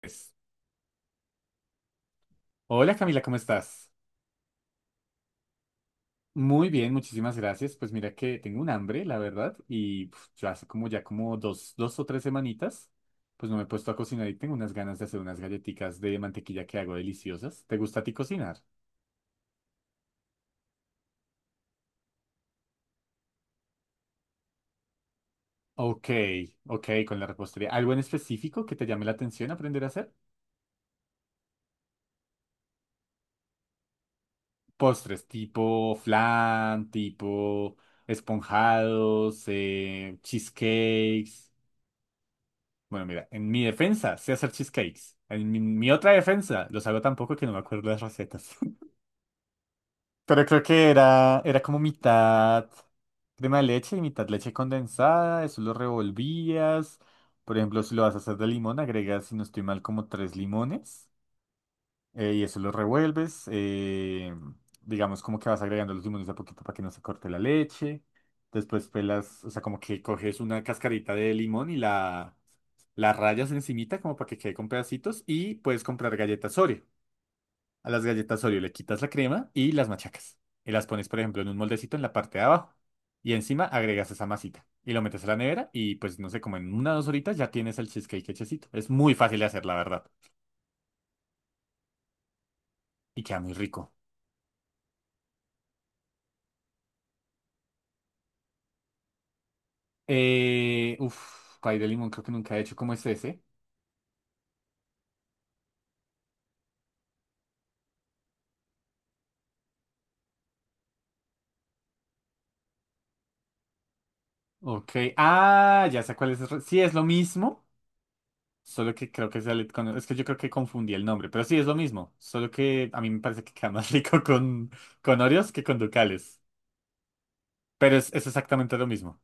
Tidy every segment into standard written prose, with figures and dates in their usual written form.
Pues, hola Camila, ¿cómo estás? Muy bien, muchísimas gracias. Pues mira que tengo un hambre, la verdad, y puf, yo hace como ya como dos o tres semanitas, pues no me he puesto a cocinar y tengo unas ganas de hacer unas galletitas de mantequilla que hago deliciosas. ¿Te gusta a ti cocinar? Ok, ok, con la repostería. ¿Algo en específico que te llame la atención aprender a hacer? Postres, tipo flan, tipo esponjados, cheesecakes. Bueno, mira, en mi defensa sé hacer cheesecakes. En mi otra defensa los hago tan poco que no me acuerdo las recetas. Pero creo que era como mitad crema de leche y mitad leche condensada. Eso lo revolvías. Por ejemplo, si lo vas a hacer de limón, agregas, si no estoy mal, como tres limones y eso lo revuelves. Digamos, como que vas agregando los limones de a poquito para que no se corte la leche. Después pelas, o sea, como que coges una cascarita de limón y la rayas encimita como para que quede con pedacitos. Y puedes comprar galletas Oreo. A las galletas Oreo le quitas la crema y las machacas. Y las pones, por ejemplo, en un moldecito en la parte de abajo. Y encima agregas esa masita. Y lo metes a la nevera y pues no sé, como en 1 o 2 horitas ya tienes el cheesecake hechecito. Es muy fácil de hacer, la verdad. Y queda muy rico. Uf, pay de limón creo que nunca he hecho. ¿Cómo es ese? Ok. Ah, ya sé cuál es. Sí, es lo mismo. Solo que creo que sale con... Es que yo creo que confundí el nombre. Pero sí, es lo mismo. Solo que a mí me parece que queda más rico con Oreos que con Ducales. Pero es exactamente lo mismo.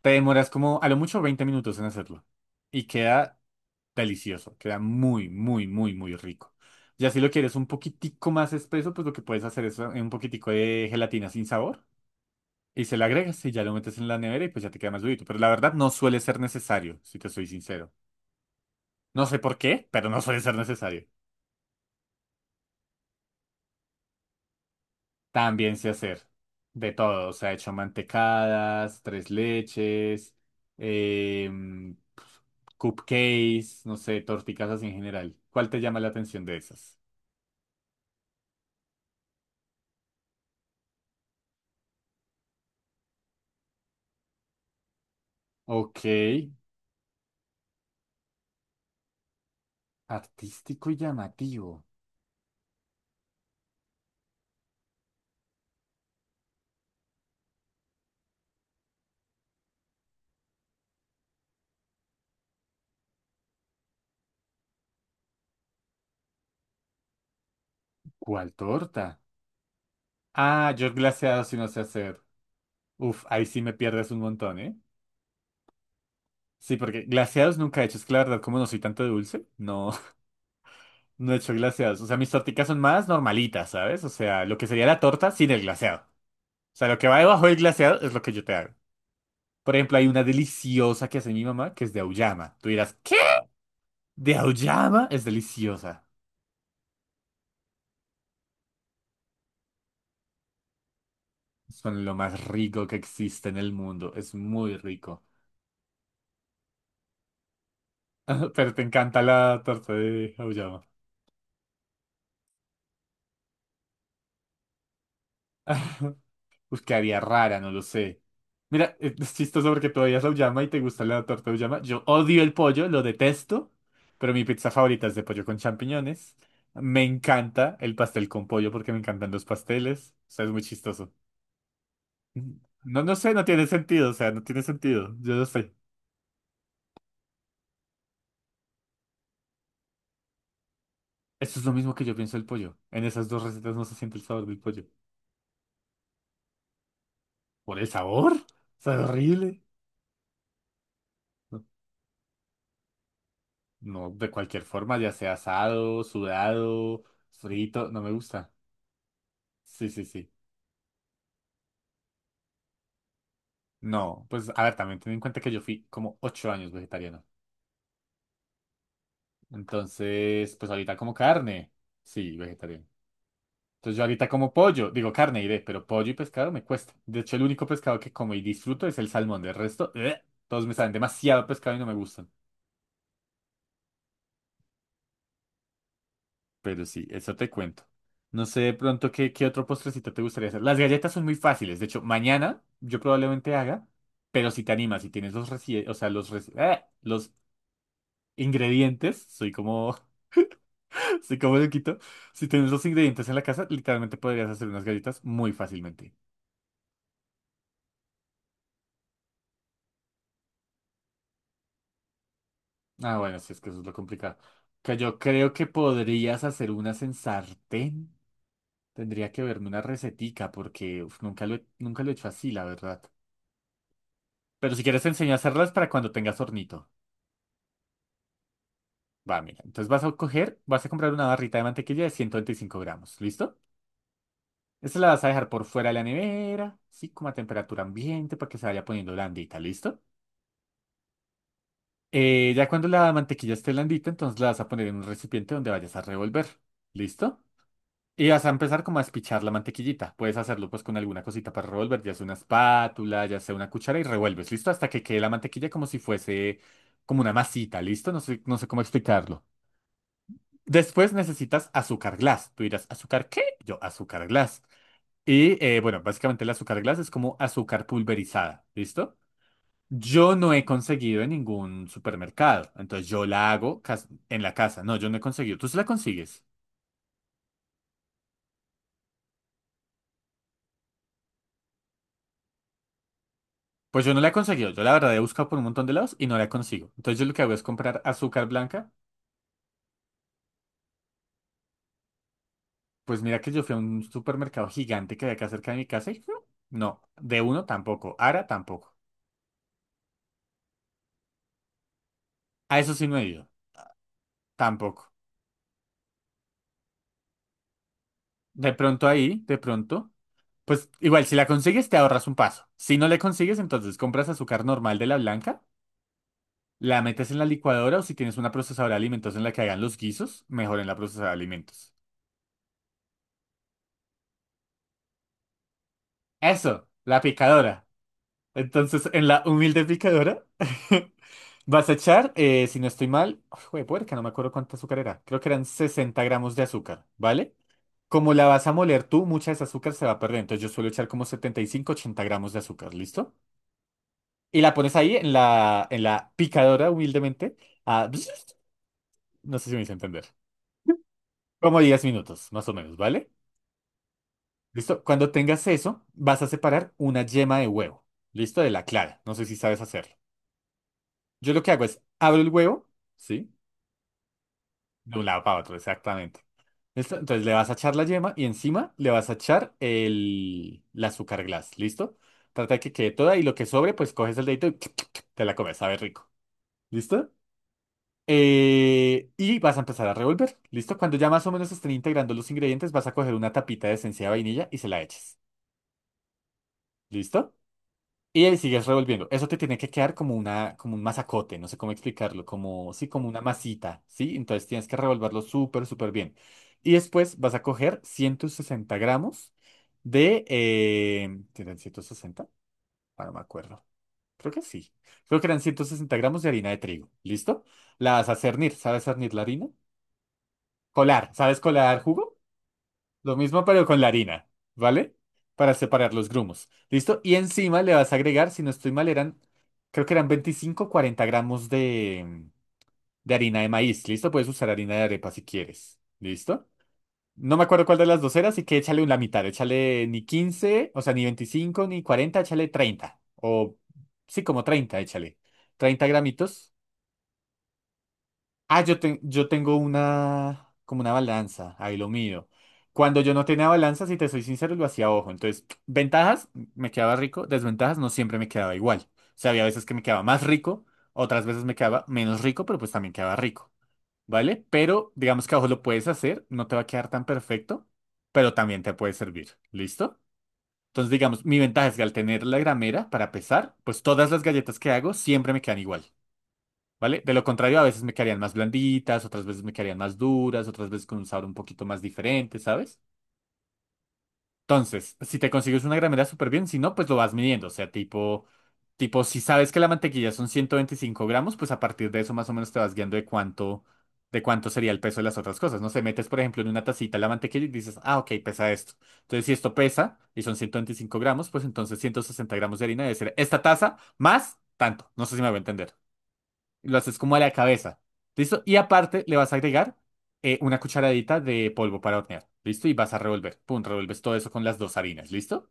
Te demoras como a lo mucho 20 minutos en hacerlo. Y queda delicioso. Queda muy, muy, muy, muy rico. Ya si lo quieres un poquitico más espeso, pues lo que puedes hacer es un poquitico de gelatina sin sabor. Y se le agregas y ya lo metes en la nevera y pues ya te queda más durito. Pero la verdad no suele ser necesario, si te soy sincero. No sé por qué, pero no suele ser necesario. También sé hacer de todo. O sea, he hecho mantecadas, tres leches, em, cupcakes, no sé, torticasas en general. ¿Cuál te llama la atención de esas? Ok, artístico y llamativo. ¿Cuál torta? Ah, yo glaseado si no sé hacer. Uf, ahí sí me pierdes un montón, ¿eh? Sí, porque glaseados nunca he hecho. Es que la verdad, como no soy tanto de dulce, no, no he hecho glaseados. O sea, mis torticas son más normalitas, ¿sabes? O sea, lo que sería la torta sin el glaseado. O sea, lo que va debajo del glaseado es lo que yo te hago. Por ejemplo, hay una deliciosa que hace mi mamá que es de auyama. Tú dirás, ¿qué? De auyama es deliciosa. Son lo más rico que existe en el mundo. Es muy rico. Pero te encanta la torta de auyama. Pues quedaría rara, no lo sé. Mira, es chistoso porque tú odias la auyama y te gusta la torta de auyama. Yo odio el pollo, lo detesto, pero mi pizza favorita es de pollo con champiñones. Me encanta el pastel con pollo porque me encantan los pasteles. O sea, es muy chistoso. No, no sé, no tiene sentido, o sea, no tiene sentido. Yo lo sé. Eso es lo mismo que yo pienso del pollo. En esas dos recetas no se siente el sabor del pollo. ¿Por el sabor? Sabe horrible. No, no, de cualquier forma, ya sea asado, sudado, frito, no me gusta. Sí, sí, sí. No, pues a ver, también ten en cuenta que yo fui como 8 años vegetariano. Entonces, pues ahorita como carne. Sí, vegetariano. Entonces yo ahorita como pollo, digo carne iré, pero pollo y pescado me cuesta. De hecho, el único pescado que como y disfruto es el salmón. Del resto, todos me saben demasiado pescado y no me gustan. Pero sí, eso te cuento. No sé de pronto qué otro postrecito te gustaría hacer. Las galletas son muy fáciles. De hecho, mañana yo probablemente haga, pero si te animas, si tienes o sea, los ingredientes, soy como así como lo quito, si tienes los ingredientes en la casa, literalmente podrías hacer unas galletas muy fácilmente. Ah, bueno, si es que eso es lo complicado. Que yo creo que podrías hacer unas en sartén. Tendría que verme una recetica porque uf, nunca lo he hecho así, la verdad. Pero si quieres te enseño a hacerlas para cuando tengas hornito. Va, mira. Entonces vas a coger, vas a comprar una barrita de mantequilla de 125 gramos. ¿Listo? Esta la vas a dejar por fuera de la nevera, sí, como a temperatura ambiente para que se vaya poniendo blandita. ¿Listo? Ya cuando la mantequilla esté blandita, entonces la vas a poner en un recipiente donde vayas a revolver. ¿Listo? Y vas a empezar como a espichar la mantequillita. Puedes hacerlo pues con alguna cosita para revolver, ya sea una espátula, ya sea una cuchara y revuelves, ¿listo? Hasta que quede la mantequilla como si fuese como una masita, ¿listo? No sé, no sé cómo explicarlo. Después necesitas azúcar glass. Tú dirás, ¿azúcar qué? Yo, azúcar glass. Y bueno, básicamente el azúcar glass es como azúcar pulverizada, ¿listo? Yo no he conseguido en ningún supermercado, entonces yo la hago en la casa. No, yo no he conseguido. ¿Tú se la consigues? Pues yo no la he conseguido. Yo la verdad he buscado por un montón de lados y no la consigo. Entonces yo lo que hago es comprar azúcar blanca. Pues mira que yo fui a un supermercado gigante que había acá cerca de mi casa y no, de uno tampoco, Ara tampoco. A eso sí no he ido, tampoco. De pronto ahí, de pronto, pues igual si la consigues te ahorras un paso. Si no le consigues, entonces compras azúcar normal de la blanca. La metes en la licuadora o si tienes una procesadora de alimentos en la que hagan los guisos, mejor en la procesadora de alimentos. Eso, la picadora. Entonces, en la humilde picadora, vas a echar, si no estoy mal, de puerca, no me acuerdo cuánta azúcar era. Creo que eran 60 gramos de azúcar, ¿vale? Como la vas a moler tú, mucha de esa azúcar se va a perder. Entonces, yo suelo echar como 75 80 gramos de azúcar, ¿listo? Y la pones ahí en la picadora, humildemente, a... No sé si me hice entender. Como 10 minutos, más o menos, ¿vale? ¿Listo? Cuando tengas eso, vas a separar una yema de huevo. ¿Listo? De la clara. No sé si sabes hacerlo. Yo lo que hago es abro el huevo, ¿sí? De un lado para otro, exactamente. ¿Listo? Entonces le vas a echar la yema y encima le vas a echar el azúcar glass. ¿Listo? Trata de que quede toda y lo que sobre, pues coges el dedito y te la comes. Sabe rico. ¿Listo? Y vas a empezar a revolver. ¿Listo? Cuando ya más o menos estén integrando los ingredientes, vas a coger una tapita de esencia de vainilla y se la eches. ¿Listo? Y ahí sigues revolviendo. Eso te tiene que quedar como una, como un masacote, no sé cómo explicarlo, como, sí, como una masita, ¿sí? Entonces tienes que revolverlo súper, súper bien. Y después vas a coger 160 gramos de... ¿tienen 160? Ah, no me acuerdo. Creo que sí. Creo que eran 160 gramos de harina de trigo. ¿Listo? La vas a cernir. ¿Sabes cernir la harina? Colar. ¿Sabes colar jugo? Lo mismo pero con la harina, ¿vale? Para separar los grumos. ¿Listo? Y encima le vas a agregar, si no estoy mal, eran, creo que eran 25 o 40 gramos de, harina de maíz. ¿Listo? Puedes usar harina de arepa si quieres. ¿Listo? No me acuerdo cuál de las dos era, así que échale la mitad. Échale ni 15, o sea, ni 25 ni 40, échale 30. O sí, como 30. Échale 30 gramitos. Ah, yo tengo una, como una balanza, ahí lo mío. Cuando yo no tenía balanza, si te soy sincero, lo hacía a ojo. Entonces, ventajas, me quedaba rico, desventajas, no siempre me quedaba igual. O sea, había veces que me quedaba más rico, otras veces me quedaba menos rico, pero pues también quedaba rico, ¿vale? Pero digamos que a ojo lo puedes hacer, no te va a quedar tan perfecto, pero también te puede servir, ¿listo? Entonces, digamos, mi ventaja es que al tener la gramera para pesar, pues todas las galletas que hago siempre me quedan igual. ¿Vale? De lo contrario, a veces me quedarían más blanditas, otras veces me quedarían más duras, otras veces con un sabor un poquito más diferente, ¿sabes? Entonces, si te consigues una gramera súper bien, si no, pues lo vas midiendo. O sea, tipo, si sabes que la mantequilla son 125 gramos, pues a partir de eso más o menos te vas guiando de de cuánto sería el peso de las otras cosas. No sé, metes, por ejemplo, en una tacita la mantequilla y dices, ah, ok, pesa esto. Entonces, si esto pesa y son 125 gramos, pues entonces 160 gramos de harina debe ser esta taza más tanto. No sé si me voy a entender. Lo haces como a la cabeza. ¿Listo? Y aparte le vas a agregar una cucharadita de polvo para hornear. ¿Listo? Y vas a revolver. Pum, revuelves todo eso con las dos harinas. ¿Listo?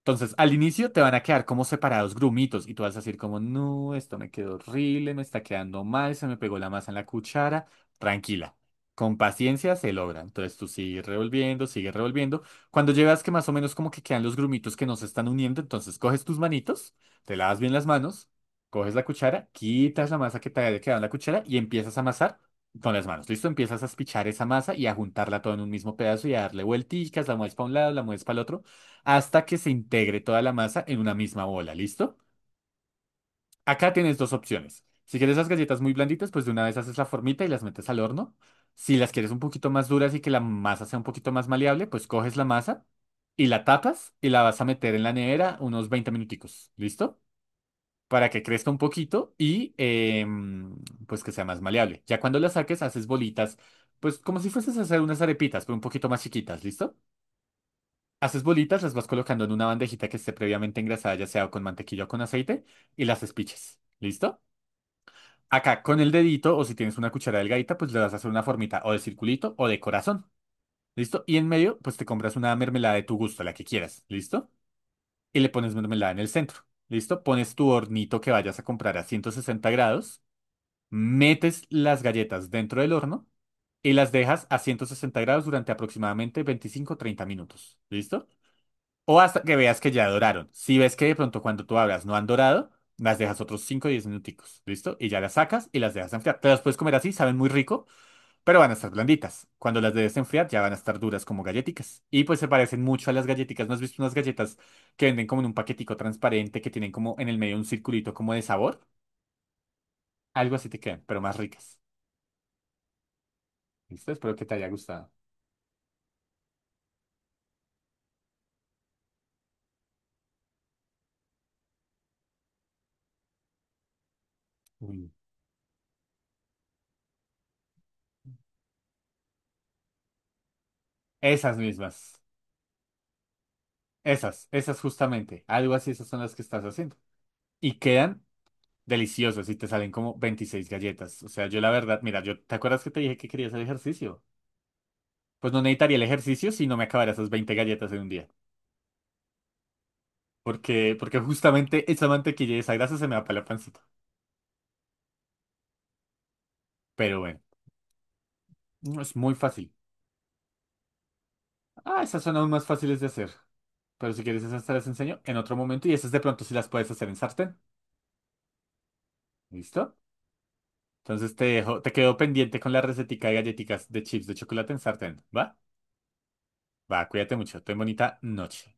Entonces, al inicio te van a quedar como separados grumitos y tú vas a decir como, no, esto me quedó horrible, me está quedando mal, se me pegó la masa en la cuchara. Tranquila, con paciencia se logra. Entonces tú sigues revolviendo, sigues revolviendo. Cuando llegas que más o menos como que quedan los grumitos que no se están uniendo, entonces coges tus manitos, te lavas bien las manos, coges la cuchara, quitas la masa que te haya quedado en la cuchara y empiezas a amasar con las manos. ¿Listo? Empiezas a espichar esa masa y a juntarla todo en un mismo pedazo y a darle vuelticas, la mueves para un lado, la mueves para el otro hasta que se integre toda la masa en una misma bola, ¿listo? Acá tienes dos opciones. Si quieres las galletas muy blanditas, pues de una vez haces la formita y las metes al horno. Si las quieres un poquito más duras y que la masa sea un poquito más maleable, pues coges la masa y la tapas y la vas a meter en la nevera unos 20 minuticos, ¿listo? Para que crezca un poquito y pues que sea más maleable. Ya cuando la saques, haces bolitas, pues como si fueses a hacer unas arepitas, pero un poquito más chiquitas, ¿listo? Haces bolitas, las vas colocando en una bandejita que esté previamente engrasada, ya sea con mantequilla o con aceite, y las espiches. ¿Listo? Acá con el dedito, o si tienes una cuchara delgadita, pues le vas a hacer una formita o de circulito o de corazón. ¿Listo? Y en medio, pues te compras una mermelada de tu gusto, la que quieras. ¿Listo? Y le pones mermelada en el centro. ¿Listo? Pones tu hornito que vayas a comprar a 160 grados, metes las galletas dentro del horno y las dejas a 160 grados durante aproximadamente 25-30 minutos. ¿Listo? O hasta que veas que ya doraron. Si ves que de pronto cuando tú abras no han dorado, las dejas otros 5 o 10 minuticos, ¿listo? Y ya las sacas y las dejas enfriar. Te las puedes comer así, saben muy rico, pero van a estar blanditas. Cuando las debes enfriar ya van a estar duras como galletitas. Y pues se parecen mucho a las galletitas. ¿No has visto unas galletas que venden como en un paquetico transparente que tienen como en el medio un circulito como de sabor? Algo así te quedan, pero más ricas. ¿Listo? Espero que te haya gustado. Uy. Esas mismas. Esas justamente. Algo así, esas son las que estás haciendo. Y quedan deliciosos y te salen como 26 galletas. O sea, yo la verdad, mira, yo, ¿te acuerdas que te dije que quería hacer ejercicio? Pues no necesitaría el ejercicio si no me acabara esas 20 galletas en un día. Porque justamente esa mantequilla y esa grasa se me va para la pancita. Pero bueno, no, es muy fácil. Ah, esas son aún más fáciles de hacer. Pero si quieres esas te las enseño en otro momento y esas de pronto sí las puedes hacer en sartén. ¿Listo? Entonces te dejo, te quedo pendiente con la recetica de galletitas de chips de chocolate en sartén. ¿Va? Va, cuídate mucho. Ten bonita noche.